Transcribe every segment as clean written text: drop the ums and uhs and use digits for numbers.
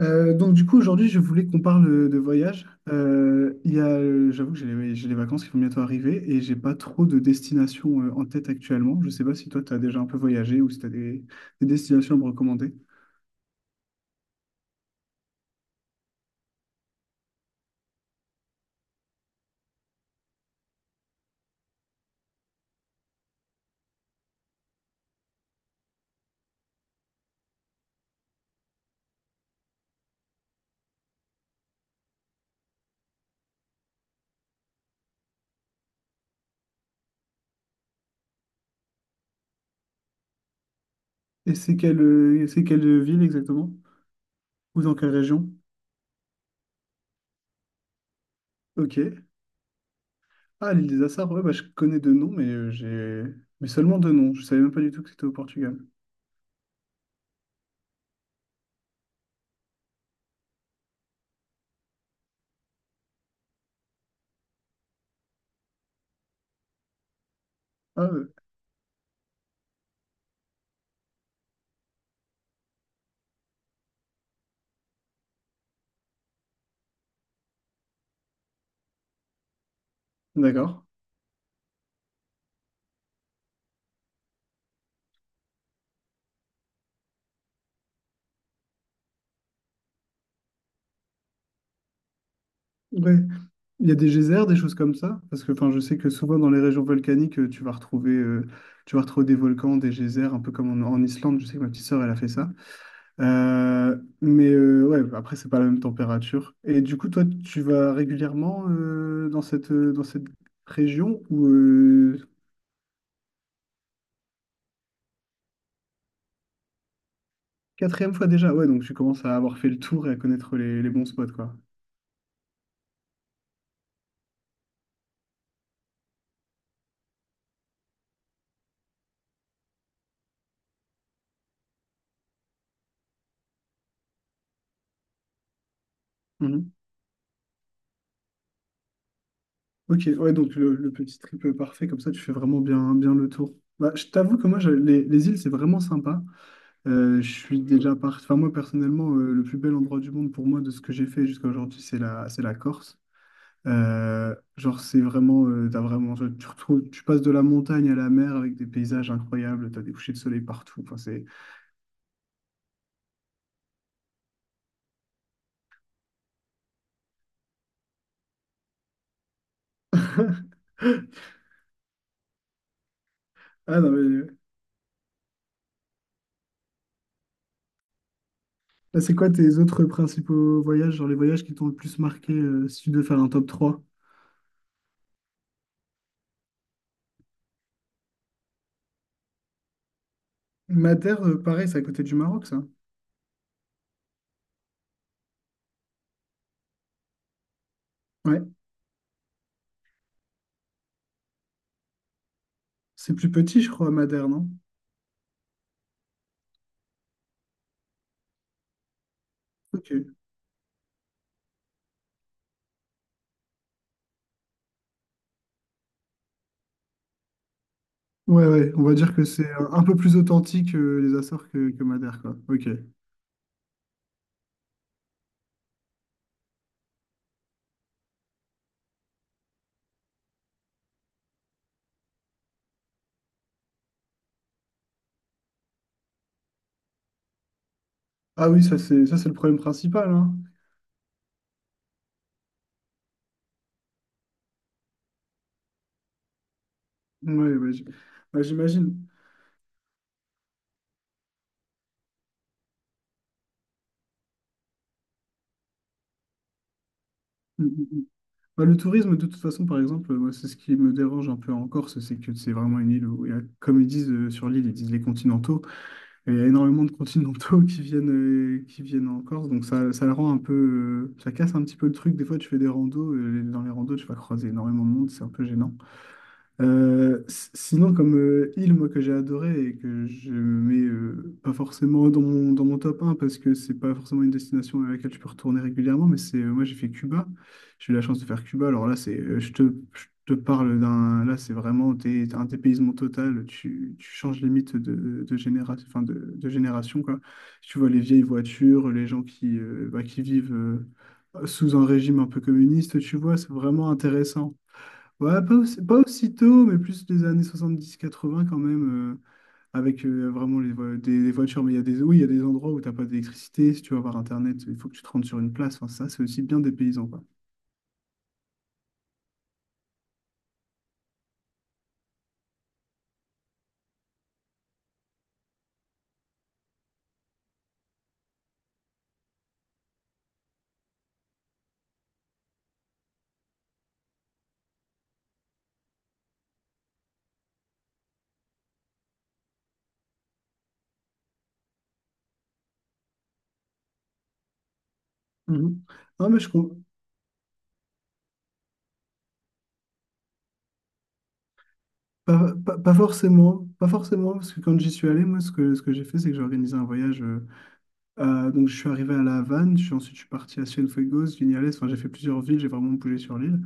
Donc du coup aujourd'hui je voulais qu'on parle de voyage. J'avoue que j'ai les vacances qui vont bientôt arriver et j'ai pas trop de destinations en tête actuellement. Je sais pas si toi tu as déjà un peu voyagé ou si tu as des destinations à me recommander. Et c'est quelle ville exactement? Ou dans quelle région? Ok. Ah, l'île des Açores, ouais, bah, je connais deux noms mais seulement deux noms. Je savais même pas du tout que c'était au Portugal. Ah, d'accord. Ouais. Il y a des geysers, des choses comme ça, parce que enfin, je sais que souvent dans les régions volcaniques, tu vas retrouver des volcans, des geysers, un peu comme en Islande. Je sais que ma petite sœur, elle a fait ça. Euh, mais ouais, après, c'est pas la même température. Et du coup, toi, tu vas régulièrement dans cette région ou? Quatrième fois déjà. Ouais, donc tu commences à avoir fait le tour et à connaître les bons spots, quoi. Ok, ouais, donc le petit trip parfait, comme ça tu fais vraiment bien, bien le tour. Bah, je t'avoue que moi, les îles, c'est vraiment sympa. Je suis déjà parti. Enfin, moi, personnellement, le plus bel endroit du monde pour moi, de ce que j'ai fait jusqu'à aujourd'hui, c'est la Corse. Genre, c'est vraiment, t'as vraiment, tu retrouves, tu passes de la montagne à la mer avec des paysages incroyables, t'as des couchers de soleil partout. Enfin, c'est. Ah non, mais. Là C'est quoi tes autres principaux voyages, genre les voyages qui t'ont le plus marqué, si tu devais faire un top trois? Madère, pareil, c'est à côté du Maroc, ça. Ouais, c'est plus petit, je crois, Madère, non? Ok. Ouais, ouais, on va dire que c'est un peu plus authentique les Açores que Madère, quoi. Ok. Ah oui, ça c'est le problème principal, hein. Ouais, ouais, ouais, j'imagine. Mm, mm, mm. Bah, le tourisme, de toute façon, par exemple, moi, c'est ce qui me dérange un peu en Corse, c'est que c'est vraiment une île où, comme ils disent sur l'île, ils disent les continentaux. Il y a énormément de continentaux qui viennent, en Corse, donc ça le rend un peu. Ça casse un petit peu le truc. Des fois, tu fais des randos, dans les randos, tu vas croiser énormément de monde, c'est un peu gênant. Sinon, comme île, moi, que j'ai adoré et que je mets pas forcément dans dans mon top un parce que c'est pas forcément une destination à laquelle je peux retourner régulièrement, mais c'est moi, j'ai fait Cuba. J'ai eu la chance de faire Cuba. Alors là, je te parle d'un. Là, c'est vraiment t'as un dépaysement total. Tu changes limite de génération, quoi. Si tu vois les vieilles voitures, les gens qui, bah, qui vivent, sous un régime un peu communiste, tu vois, c'est vraiment intéressant. Ouais, pas aussitôt, mais plus des années soixante-dix quatre-vingts quand même, avec vraiment des voitures. Mais il y a des, oui, il y a des endroits où t'as pas d'électricité. Si tu veux avoir Internet, il faut que tu te rendes sur une place. Enfin, ça, c'est aussi bien des paysans, quoi. Mhm. Non, mais pas, pas, pas forcément, pas forcément, parce que quand j'y suis allé, moi, ce que j'ai fait, c'est que j'ai organisé un voyage. Donc je suis arrivé à La Havane, je suis parti à Cienfuegos, Vignales, enfin j'ai fait plusieurs villes, j'ai vraiment bougé sur l'île.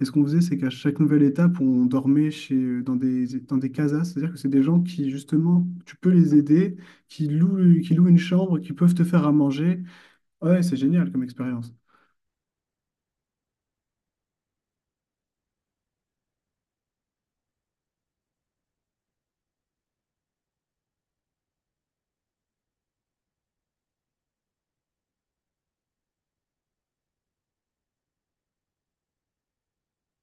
Et ce qu'on faisait, c'est qu'à chaque nouvelle étape, on dormait dans dans des casas, c'est-à-dire que c'est des gens qui justement, tu peux les aider, qui louent une chambre, qui peuvent te faire à manger. Ouais, c'est génial comme expérience.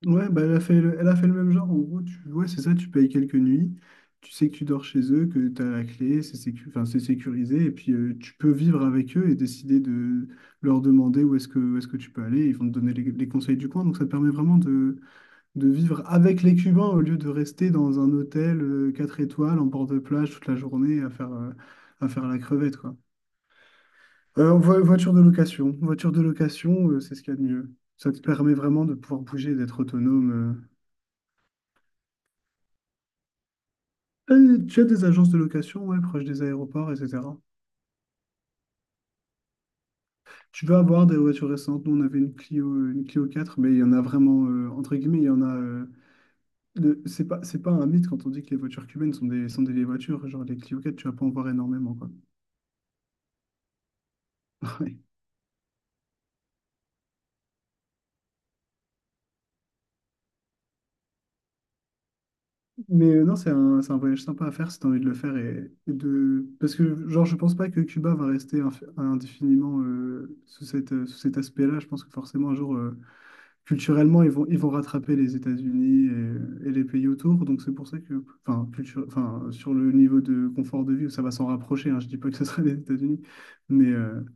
Ouais, bah elle a fait le même genre. En gros, ouais, c'est ça, tu payes quelques nuits, tu sais que tu dors chez eux, que tu as la clé, enfin, c'est sécurisé, et puis tu peux vivre avec eux et décider de leur demander où est-ce que tu peux aller. Ils vont te donner les conseils du coin, donc ça te permet vraiment de vivre avec les Cubains au lieu de rester dans un hôtel 4 étoiles en bord de plage toute la journée à faire la crevette, quoi. Voiture de location, voiture de location, c'est ce qu'il y a de mieux. Ça te permet vraiment de pouvoir bouger, d'être autonome. Tu as des agences de location, ouais, proches des aéroports, etc. Tu vas avoir des voitures récentes. Nous, on avait une Clio 4, mais il y en a vraiment, entre guillemets, il y en a. C'est pas un mythe quand on dit que les voitures cubaines sont des vieilles voitures. Genre, les Clio 4, tu vas pas en voir énormément, quoi. Ouais. Mais non, c'est un voyage sympa à faire si tu as envie de le faire. Parce que, genre, je pense pas que Cuba va rester indéfiniment sous cet aspect-là. Je pense que forcément, un jour, culturellement, ils vont rattraper les États-Unis et les pays autour. Donc c'est pour ça que, enfin, culture, enfin, sur le niveau de confort de vie, ça va s'en rapprocher, hein. Je dis pas que ce sera les États-Unis, mais je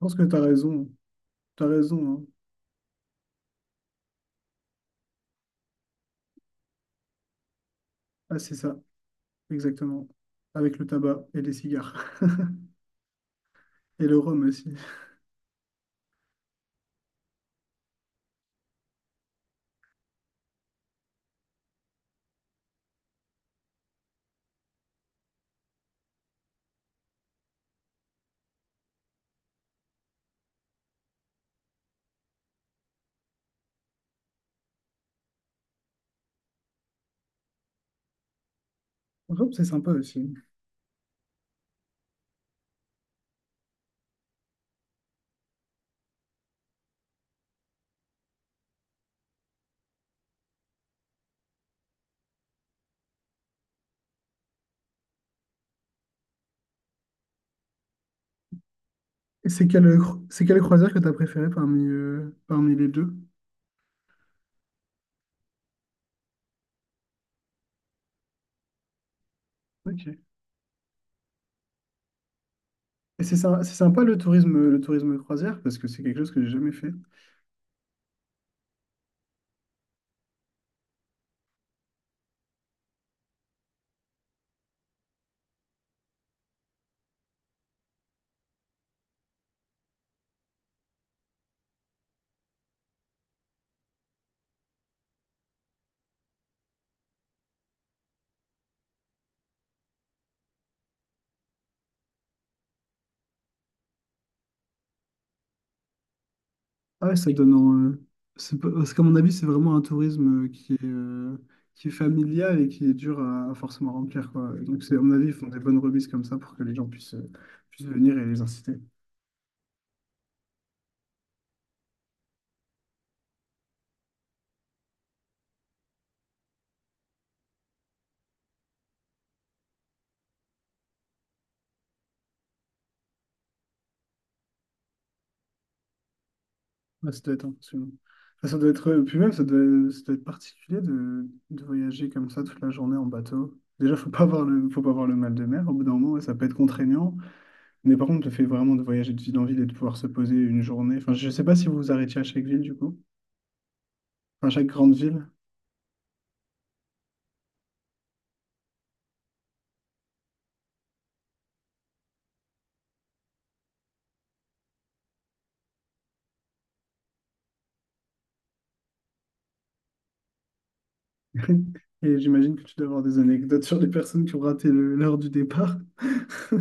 pense que tu as raison. Tu as raison, hein. Ah, c'est ça, exactement. Avec le tabac et les cigares. Et le rhum aussi. Le rhum, c'est sympa aussi. Et c'est quelle croisière que tu as préférée parmi les deux? Ok. Et c'est sympa le tourisme croisière parce que c'est quelque chose que j'ai jamais fait. Ah ouais, ça donne en- c'est pas- parce qu'à mon avis, c'est vraiment un tourisme qui est familial et qui est dur à forcément remplir, quoi. Et donc, c'est, à mon avis, ils font des bonnes remises comme ça pour que les gens puissent venir et les inciter. Ouais, ça doit être impressionnant. Enfin, puis même, ça doit être particulier de voyager comme ça toute la journée en bateau. Déjà, faut pas avoir le mal de mer. Au bout d'un moment, ouais, ça peut être contraignant. Mais par contre, le fait vraiment de voyager de ville en ville et de pouvoir se poser une journée. Enfin, je sais pas si vous vous arrêtiez à chaque ville, du coup. Enfin, chaque grande ville. Et j'imagine que tu dois avoir des anecdotes sur les personnes qui ont raté l'heure du départ.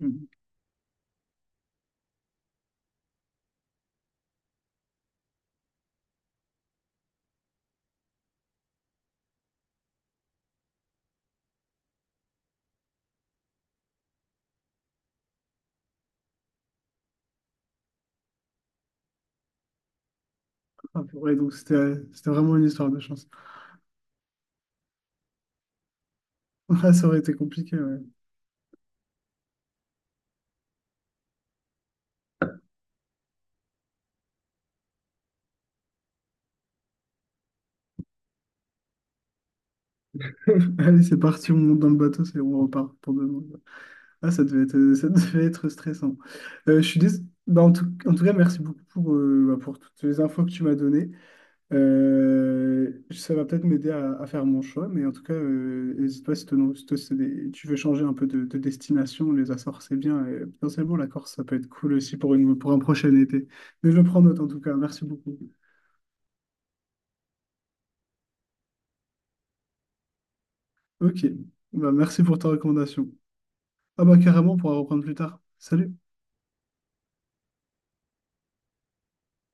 Mhm. Ah, ouais, donc c'était vraiment une histoire de chance. Ah, ça aurait été compliqué, ouais. Allez, c'est parti, on monte dans le bateau, c'est on repart pour demain. Ah, ça devait être stressant. Bah, en tout cas, merci beaucoup pour toutes les infos que tu m'as données. Ça va peut-être m'aider à faire mon choix, mais en tout cas, n'hésite pas si, te- si te- c'est des- tu veux changer un peu de destination. Les Açores, c'est bien. Et potentiellement, la Corse, ça peut être cool aussi pour un prochain été. Mais je prends note en tout cas. Merci beaucoup. Ok. Bah, merci pour ta recommandation. Ah, bah, carrément, on pourra reprendre plus tard. Salut.